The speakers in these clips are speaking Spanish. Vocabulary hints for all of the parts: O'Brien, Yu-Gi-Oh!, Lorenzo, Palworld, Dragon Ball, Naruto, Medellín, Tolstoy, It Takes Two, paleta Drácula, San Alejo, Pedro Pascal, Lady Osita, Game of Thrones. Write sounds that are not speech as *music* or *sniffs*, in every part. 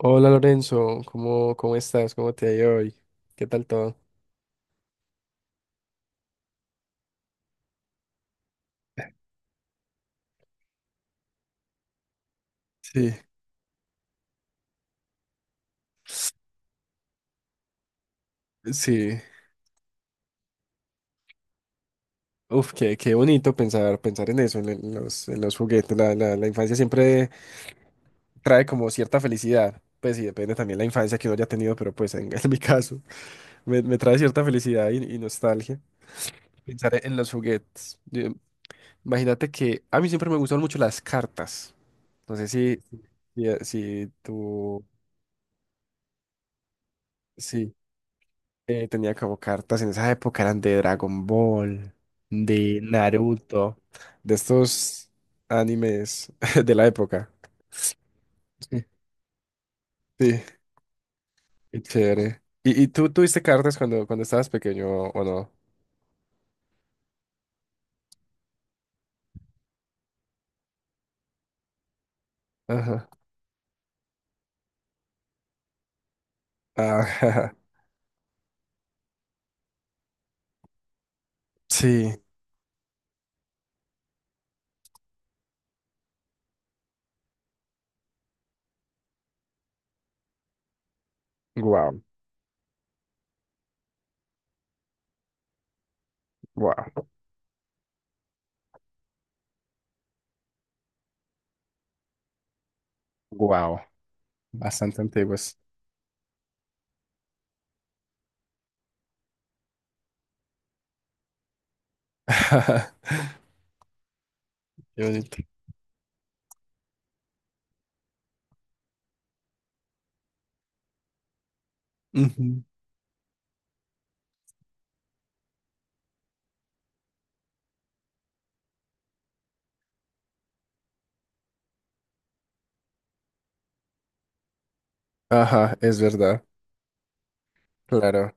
Hola Lorenzo, ¿cómo estás? ¿Cómo te ha ido hoy? ¿Qué tal todo? Sí, sí. Uf, qué bonito pensar en eso, en los juguetes. La infancia siempre trae como cierta felicidad. Pues sí, depende también la infancia que uno haya tenido, pero pues en, *laughs* en mi caso me trae cierta felicidad y nostalgia. Pensar en los juguetes. Imagínate que a mí siempre me gustaron mucho las cartas. No sé si tú... Sí. Tenía como cartas en esa época, eran de Dragon Ball, de Naruto, de estos animes *laughs* de la época. Sí, sí, qué chévere. ¿Y tú tuviste cartas cuando estabas pequeño o no? Ajá. Ah, *laughs* sí, wow, wow, wow, bastante antiguas. *laughs* Qué bonito. Ujú. Ajá, es verdad, claro.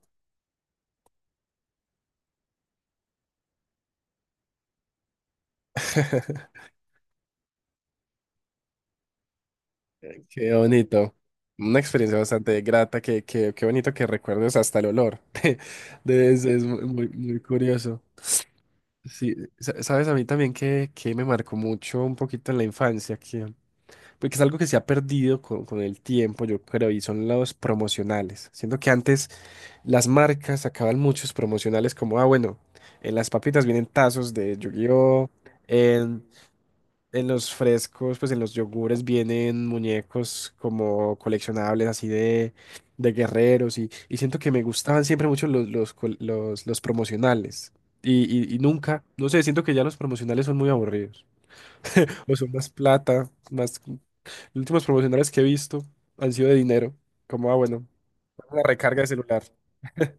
*laughs* Qué bonito. Una experiencia bastante grata, qué bonito que recuerdes hasta el olor. *laughs* Es muy, muy muy curioso. Sí, sabes, a mí también que me marcó mucho un poquito en la infancia, que, porque es algo que se ha perdido con el tiempo, yo creo, y son los promocionales. Siento que antes las marcas sacaban muchos promocionales como, ah, bueno, en las papitas vienen tazos de Yu-Gi-Oh! En los frescos, pues en los yogures vienen muñecos como coleccionables así de guerreros y siento que me gustaban siempre mucho los promocionales. Y, y nunca, no sé, siento que ya los promocionales son muy aburridos. O son más plata, más... Los últimos promocionales que he visto han sido de dinero. Como, ah, bueno, una recarga de celular. *laughs*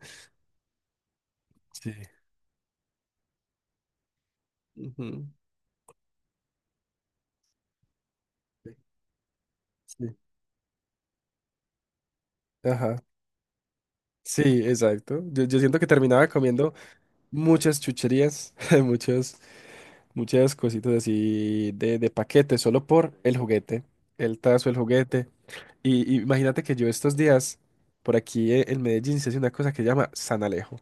Sí. Ujú. Sí. Sí. Ajá. Sí, exacto. Yo siento que terminaba comiendo muchas chucherías, *laughs* muchos muchas cositas así de paquete, solo por el juguete, el tazo, el juguete. Y imagínate que yo estos días, por aquí en Medellín, se hace una cosa que se llama San Alejo,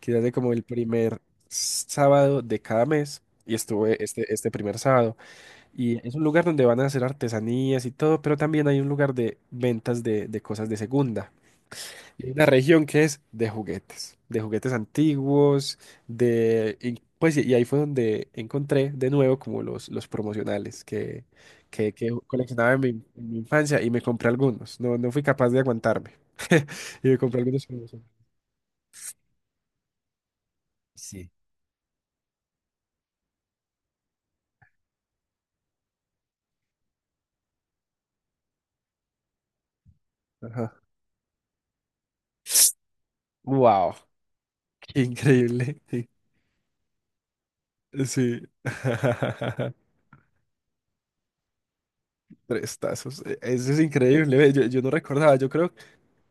que se hace como el primer sábado de cada mes, y estuve este primer sábado. Y es un lugar donde van a hacer artesanías y todo, pero también hay un lugar de ventas de cosas de segunda. Y hay una región que es de juguetes antiguos, de... Y, pues, sí, y ahí fue donde encontré de nuevo como los promocionales que coleccionaba en mi infancia y me compré algunos. No, no fui capaz de aguantarme. *laughs* Y me compré algunos promocionales. Sí. Ajá. Wow, qué increíble. *laughs* Sí. *laughs* Prestazos. Eso es increíble. Yo, yo no recordaba.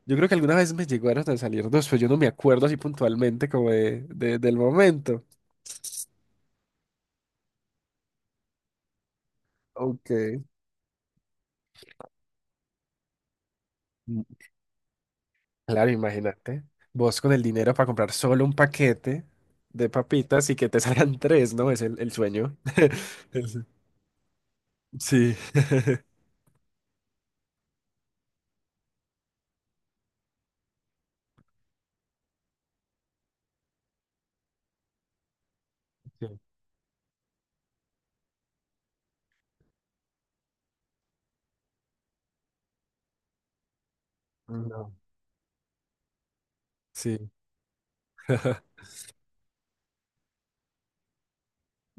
Yo creo que alguna vez me llegaron a salir dos, pero yo no me acuerdo así puntualmente como de, del momento. Ok. Mm, claro, imagínate. Vos con el dinero para comprar solo un paquete de papitas y que te *laughs* salgan tres, ¿no? Es el sueño. *laughs* Es- Sí. *laughs* Sí. No. Sí. *laughs*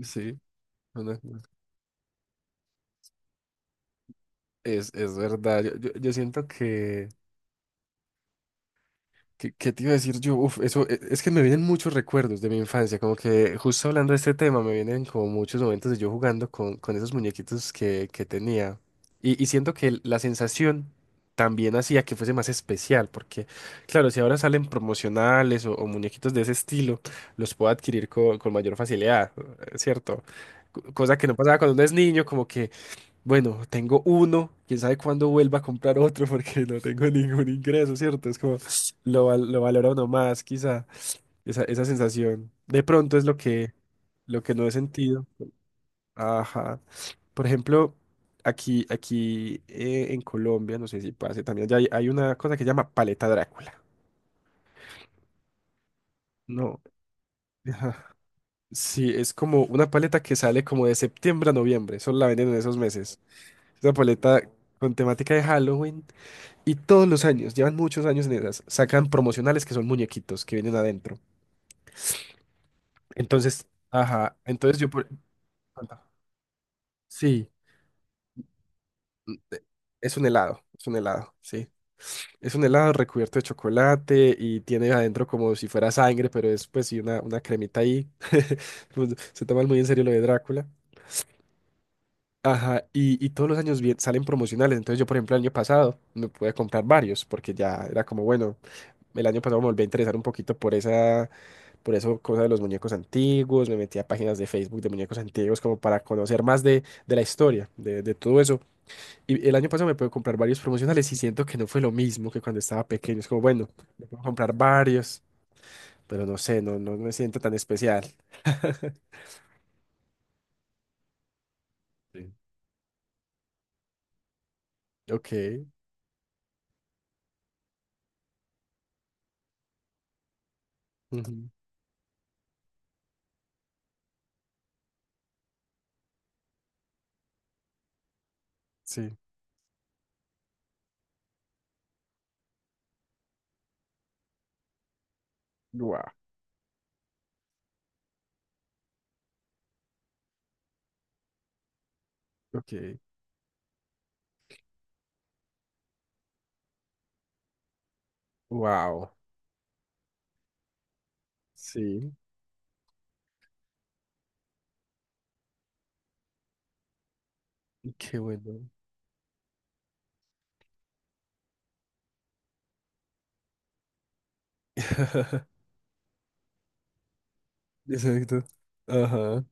Sí. No. Es verdad. Yo siento que... ¿Qué te iba a decir yo? Uf, eso es que me vienen muchos recuerdos de mi infancia, como que justo hablando de este tema me vienen como muchos momentos de yo jugando con esos muñequitos que tenía. Y siento que la sensación también hacía que fuese más especial, porque claro, si ahora salen promocionales o muñequitos de ese estilo, los puedo adquirir con mayor facilidad, ¿cierto? Cosa que no pasaba cuando uno es niño, como que bueno, tengo uno, quién sabe cuándo vuelva a comprar otro porque no tengo *laughs* ningún ingreso, ¿cierto? Es como lo valora uno más, quizá, esa sensación. De pronto es lo que no he sentido. Ajá. Por ejemplo, aquí en Colombia, no sé si pase también, allá hay, hay una cosa que se llama paleta Drácula. No. Ajá. Sí, es como una paleta que sale como de septiembre a noviembre, solo la venden en esos meses. Esa paleta con temática de Halloween. Y todos los años, llevan muchos años en esas, sacan promocionales que son muñequitos que vienen adentro. Entonces, ajá, entonces yo por... Anda. Sí, eh, es un helado, sí. Es un helado recubierto de chocolate y tiene adentro como si fuera sangre, pero es pues sí una cremita ahí. *laughs* Pues, se toman muy en serio lo de Drácula. Ajá, y todos los años salen promocionales. Entonces yo, por ejemplo, el año pasado me pude comprar varios porque ya era como, bueno, el año pasado me volví a interesar un poquito por esa Por eso, cosas de los muñecos antiguos, me metí a páginas de Facebook de muñecos antiguos como para conocer más de la historia, de todo eso. Y el año pasado me pude comprar varios promocionales y siento que no fue lo mismo que cuando estaba pequeño. Es como, bueno, me puedo comprar varios, pero no sé, no, no me siento tan especial. *laughs* Sí. Ok. Ujú. Sí. Wow. Ok. Wow. Sí. Qué bueno. *laughs* Exacto. Ajá.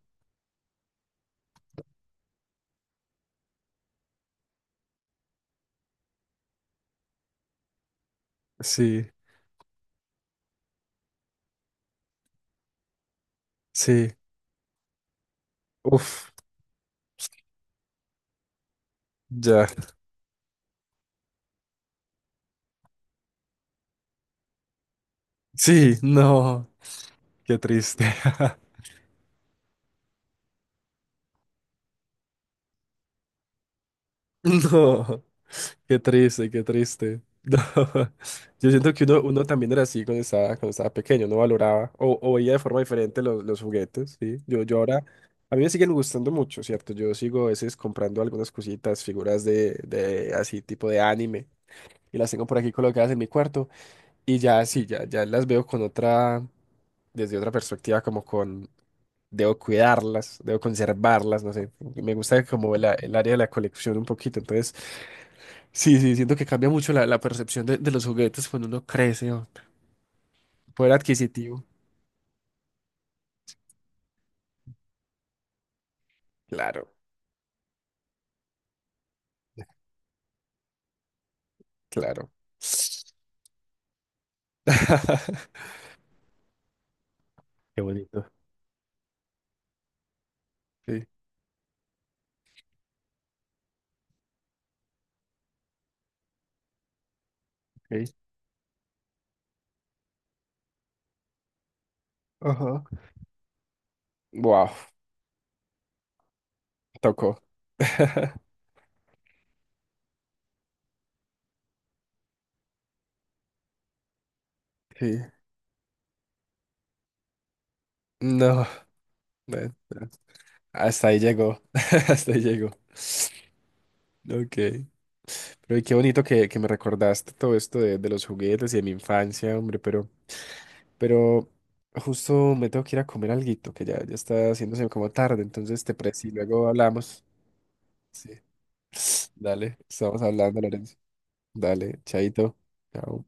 Sí. Sí. Uf. Ya. Sí, no, qué triste. *laughs* No, qué triste, qué triste. No. *laughs* Yo siento que uno, uno también era así cuando estaba pequeño, no valoraba o veía de forma diferente los juguetes, ¿sí? Yo ahora, a mí me siguen gustando mucho, ¿cierto? Yo sigo a veces comprando algunas cositas, figuras de así tipo de anime, y las tengo por aquí colocadas en mi cuarto. Y ya, sí, ya, ya las veo con otra, desde otra perspectiva, como con, debo cuidarlas, debo conservarlas, no sé. Me gusta como el área de la colección un poquito. Entonces, sí, sí, siento que cambia mucho la, la percepción de los juguetes cuando uno crece, o poder adquisitivo. Claro, claro. *laughs* Qué bonito. Sí, ok. Ajá. Wow, tocó. *laughs* Sí. No, no, no. Hasta ahí llegó. *laughs* Hasta ahí llegó. Ok. Pero y qué bonito que me recordaste todo esto de los juguetes y de mi infancia, hombre, pero justo me tengo que ir a comer alguito, que ya, ya está haciéndose como tarde, entonces te presi, luego hablamos. Sí. *sniffs* Dale, estamos hablando, Lorenzo. Dale, chaito. Chao.